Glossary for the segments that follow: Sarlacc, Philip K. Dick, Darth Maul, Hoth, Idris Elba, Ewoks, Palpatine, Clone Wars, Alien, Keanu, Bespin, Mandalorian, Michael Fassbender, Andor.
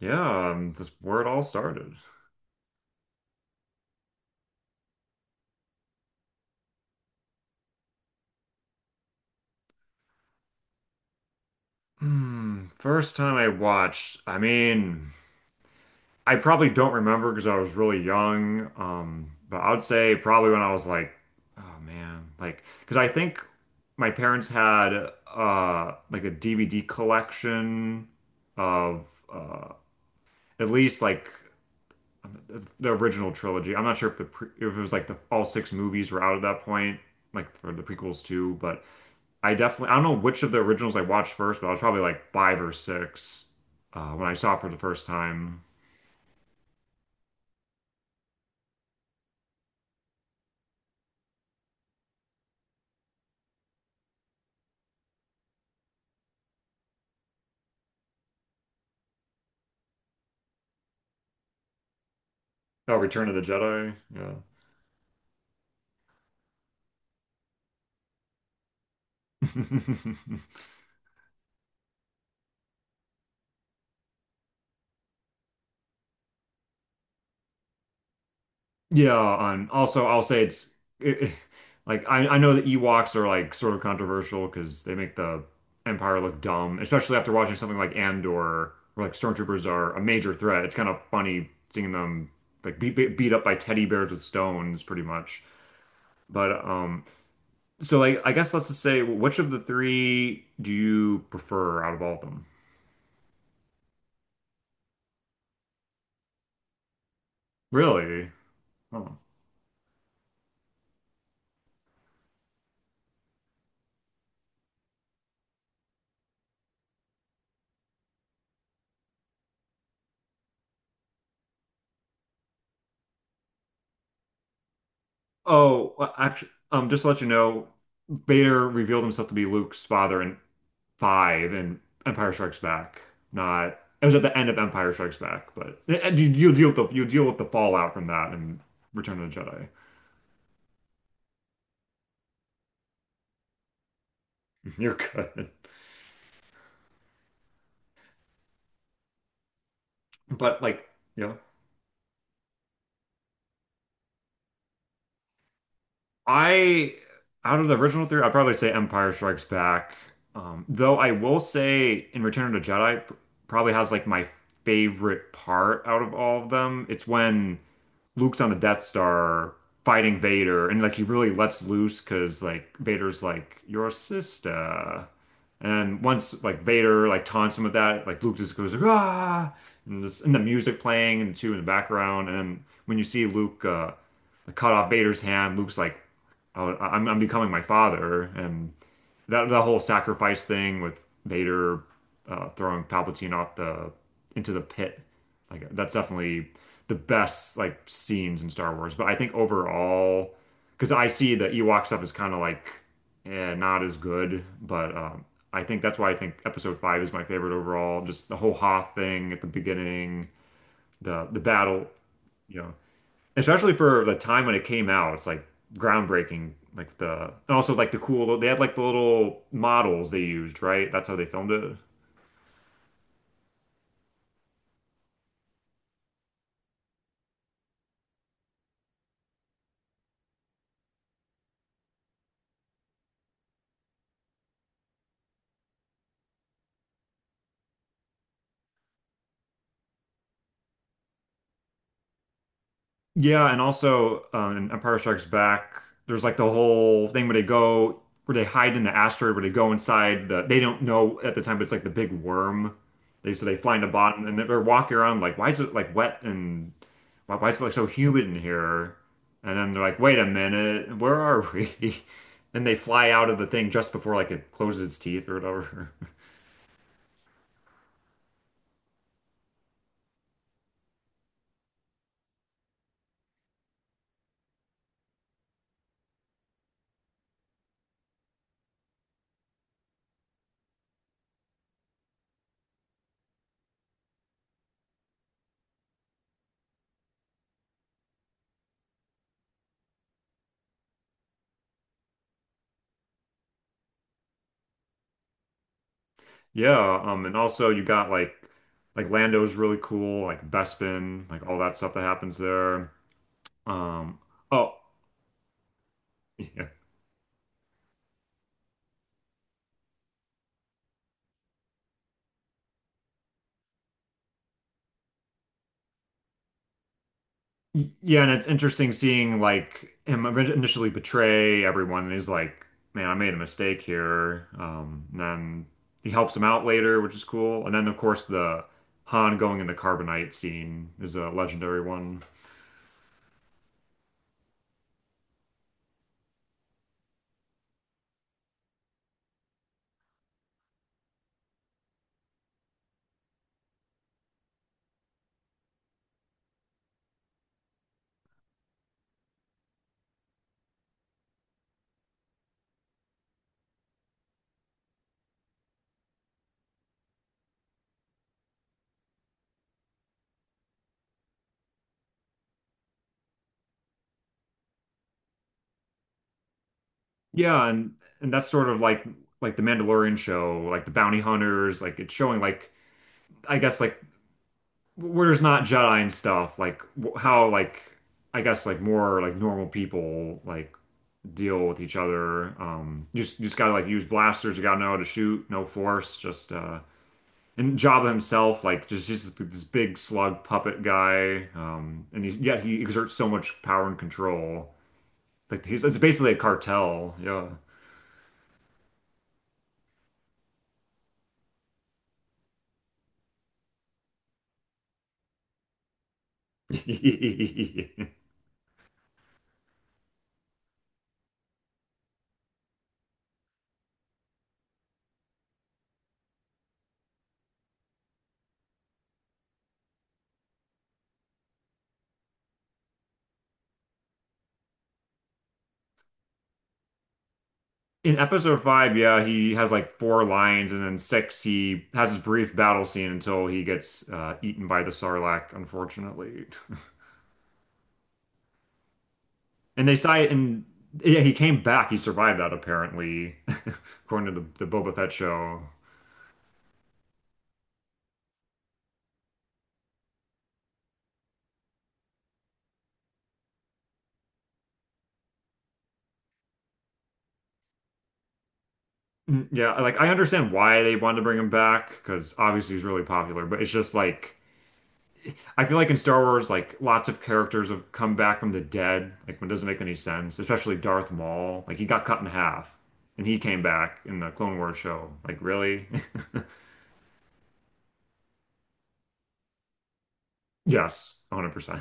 Yeah, that's where it all started. First time I watched, I mean, I probably don't remember because I was really young. But I would say probably when I was like, oh man, like, because I think my parents had like a DVD collection of uh at least like the original trilogy. I'm not sure if the pre if it was like the all six movies were out at that point, like for the prequels too, but. I don't know which of the originals I watched first, but I was probably like five or six when I saw it for the first time. Oh, Return of the Jedi. Yeah. Yeah, and also I'll say it, it- like I know the Ewoks are like sort of controversial because they make the Empire look dumb, especially after watching something like Andor, where like stormtroopers are a major threat. It's kind of funny seeing them like beat up by teddy bears with stones, pretty much. But, so like I guess let's just say which of the three do you prefer out of all of them? Really? Oh, oh well, actually, just to let you know, Vader revealed himself to be Luke's father in five and Empire Strikes Back. Not, it was at the end of Empire Strikes Back, but and you, you'll deal with the you deal with the fallout from that in Return of the Jedi. You're good, but like yeah. I Out of the original three, I'd probably say Empire Strikes Back. Though I will say in Return of the Jedi probably has like my favorite part out of all of them. It's when Luke's on the Death Star fighting Vader and like he really lets loose because like Vader's like your sister. And once like Vader like taunts him with that, like Luke just goes ah and, this, and the music playing and too in the background. And then when you see Luke cut off Vader's hand, Luke's like I would, I- am I'm becoming my father, and that the whole sacrifice thing with Vader throwing Palpatine off the into the pit, like that's definitely the best like scenes in Star Wars. But I think overall, because I see the Ewok stuff is kind of like eh, not as good, but I think that's why I think Episode Five is my favorite overall. Just the whole Hoth thing at the beginning, the battle, you know especially for the time when it came out, it's like groundbreaking. Like and also like the cool, they had like the little models they used, right? That's how they filmed it. Yeah, and also in Empire Strikes Back, there's like the whole thing where they hide in the asteroid, where they go inside they don't know at the time, but it's like the big worm. They So they find the bottom, and they're walking around like, why is it like wet and why is it like so humid in here? And then they're like, wait a minute, where are we? And they fly out of the thing just before like it closes its teeth or whatever. Yeah, and also you got like Lando's really cool, like Bespin, like all that stuff that happens there. Um, oh, yeah. Yeah, and it's interesting seeing like him initially betray everyone, and he's like, "Man, I made a mistake here." And then he helps him out later, which is cool. And then, of course, the Han going in the carbonite scene is a legendary one. Yeah, and that's sort of like the Mandalorian show, like the bounty hunters, like it's showing like I guess like where there's not Jedi and stuff, like how like I guess like more like normal people like deal with each other. You just gotta like use blasters. You gotta know how to shoot. No force. Just And Jabba himself, like just this big slug puppet guy. And he's yet he exerts so much power and control. Like he's it's basically a cartel. Yeah. In episode five, yeah, he has like four lines, and then six, he has his brief battle scene until he gets eaten by the Sarlacc, unfortunately. And yeah, he came back. He survived that apparently, according to the Boba Fett show. Mm, yeah, like I understand why they wanted to bring him back because obviously he's really popular, but it's just like I feel like in Star Wars, like lots of characters have come back from the dead. Like it doesn't make any sense, especially Darth Maul. Like he got cut in half and he came back in the Clone Wars show. Like really? Yes, 100%.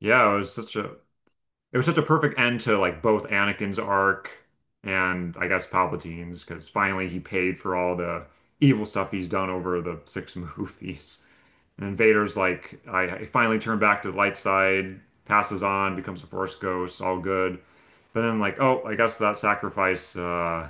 Yeah, it was such a perfect end to like both Anakin's arc and I guess Palpatine's because finally he paid for all the evil stuff he's done over the six movies. And Vader's like, I finally turned back to the light side, passes on, becomes a Force ghost, all good. But then like, oh, I guess that sacrifice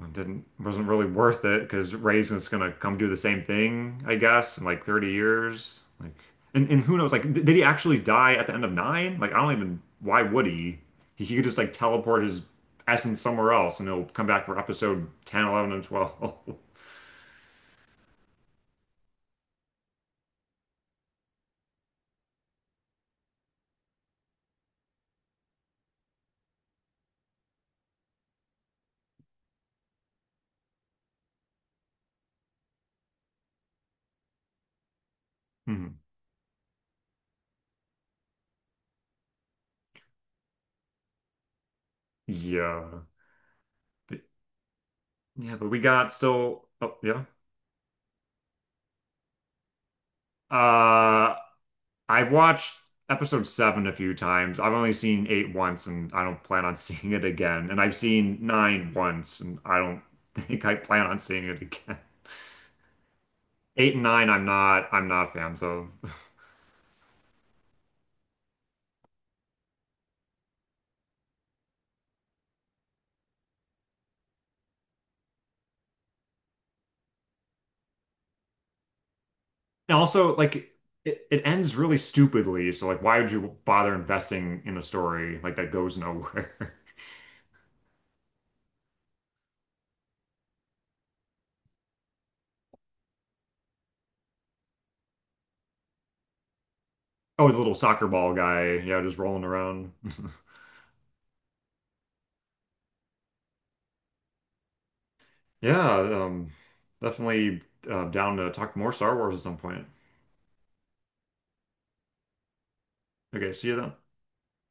it didn't wasn't really worth it because Raisin's gonna come do the same thing, I guess, in like 30 years. Like, and who knows? Like, did he actually die at the end of nine? Like, I don't even. Why would he? He could just like teleport his essence somewhere else, and he'll come back for episode 10, 11, and 12. Hmm. Yeah. But, yeah, but we got still. Oh, yeah. Uh, I've watched episode seven a few times. I've only seen eight once, and I don't plan on seeing it again. And I've seen nine once, and I don't think I plan on seeing it again. Eight and nine, I'm not fans of. And also, like, it ends really stupidly. So, like, why would you bother investing in a story like that goes nowhere? Oh, the little soccer ball guy, yeah, just rolling around. Yeah, definitely down to talk more Star Wars at some point. Okay, see you then.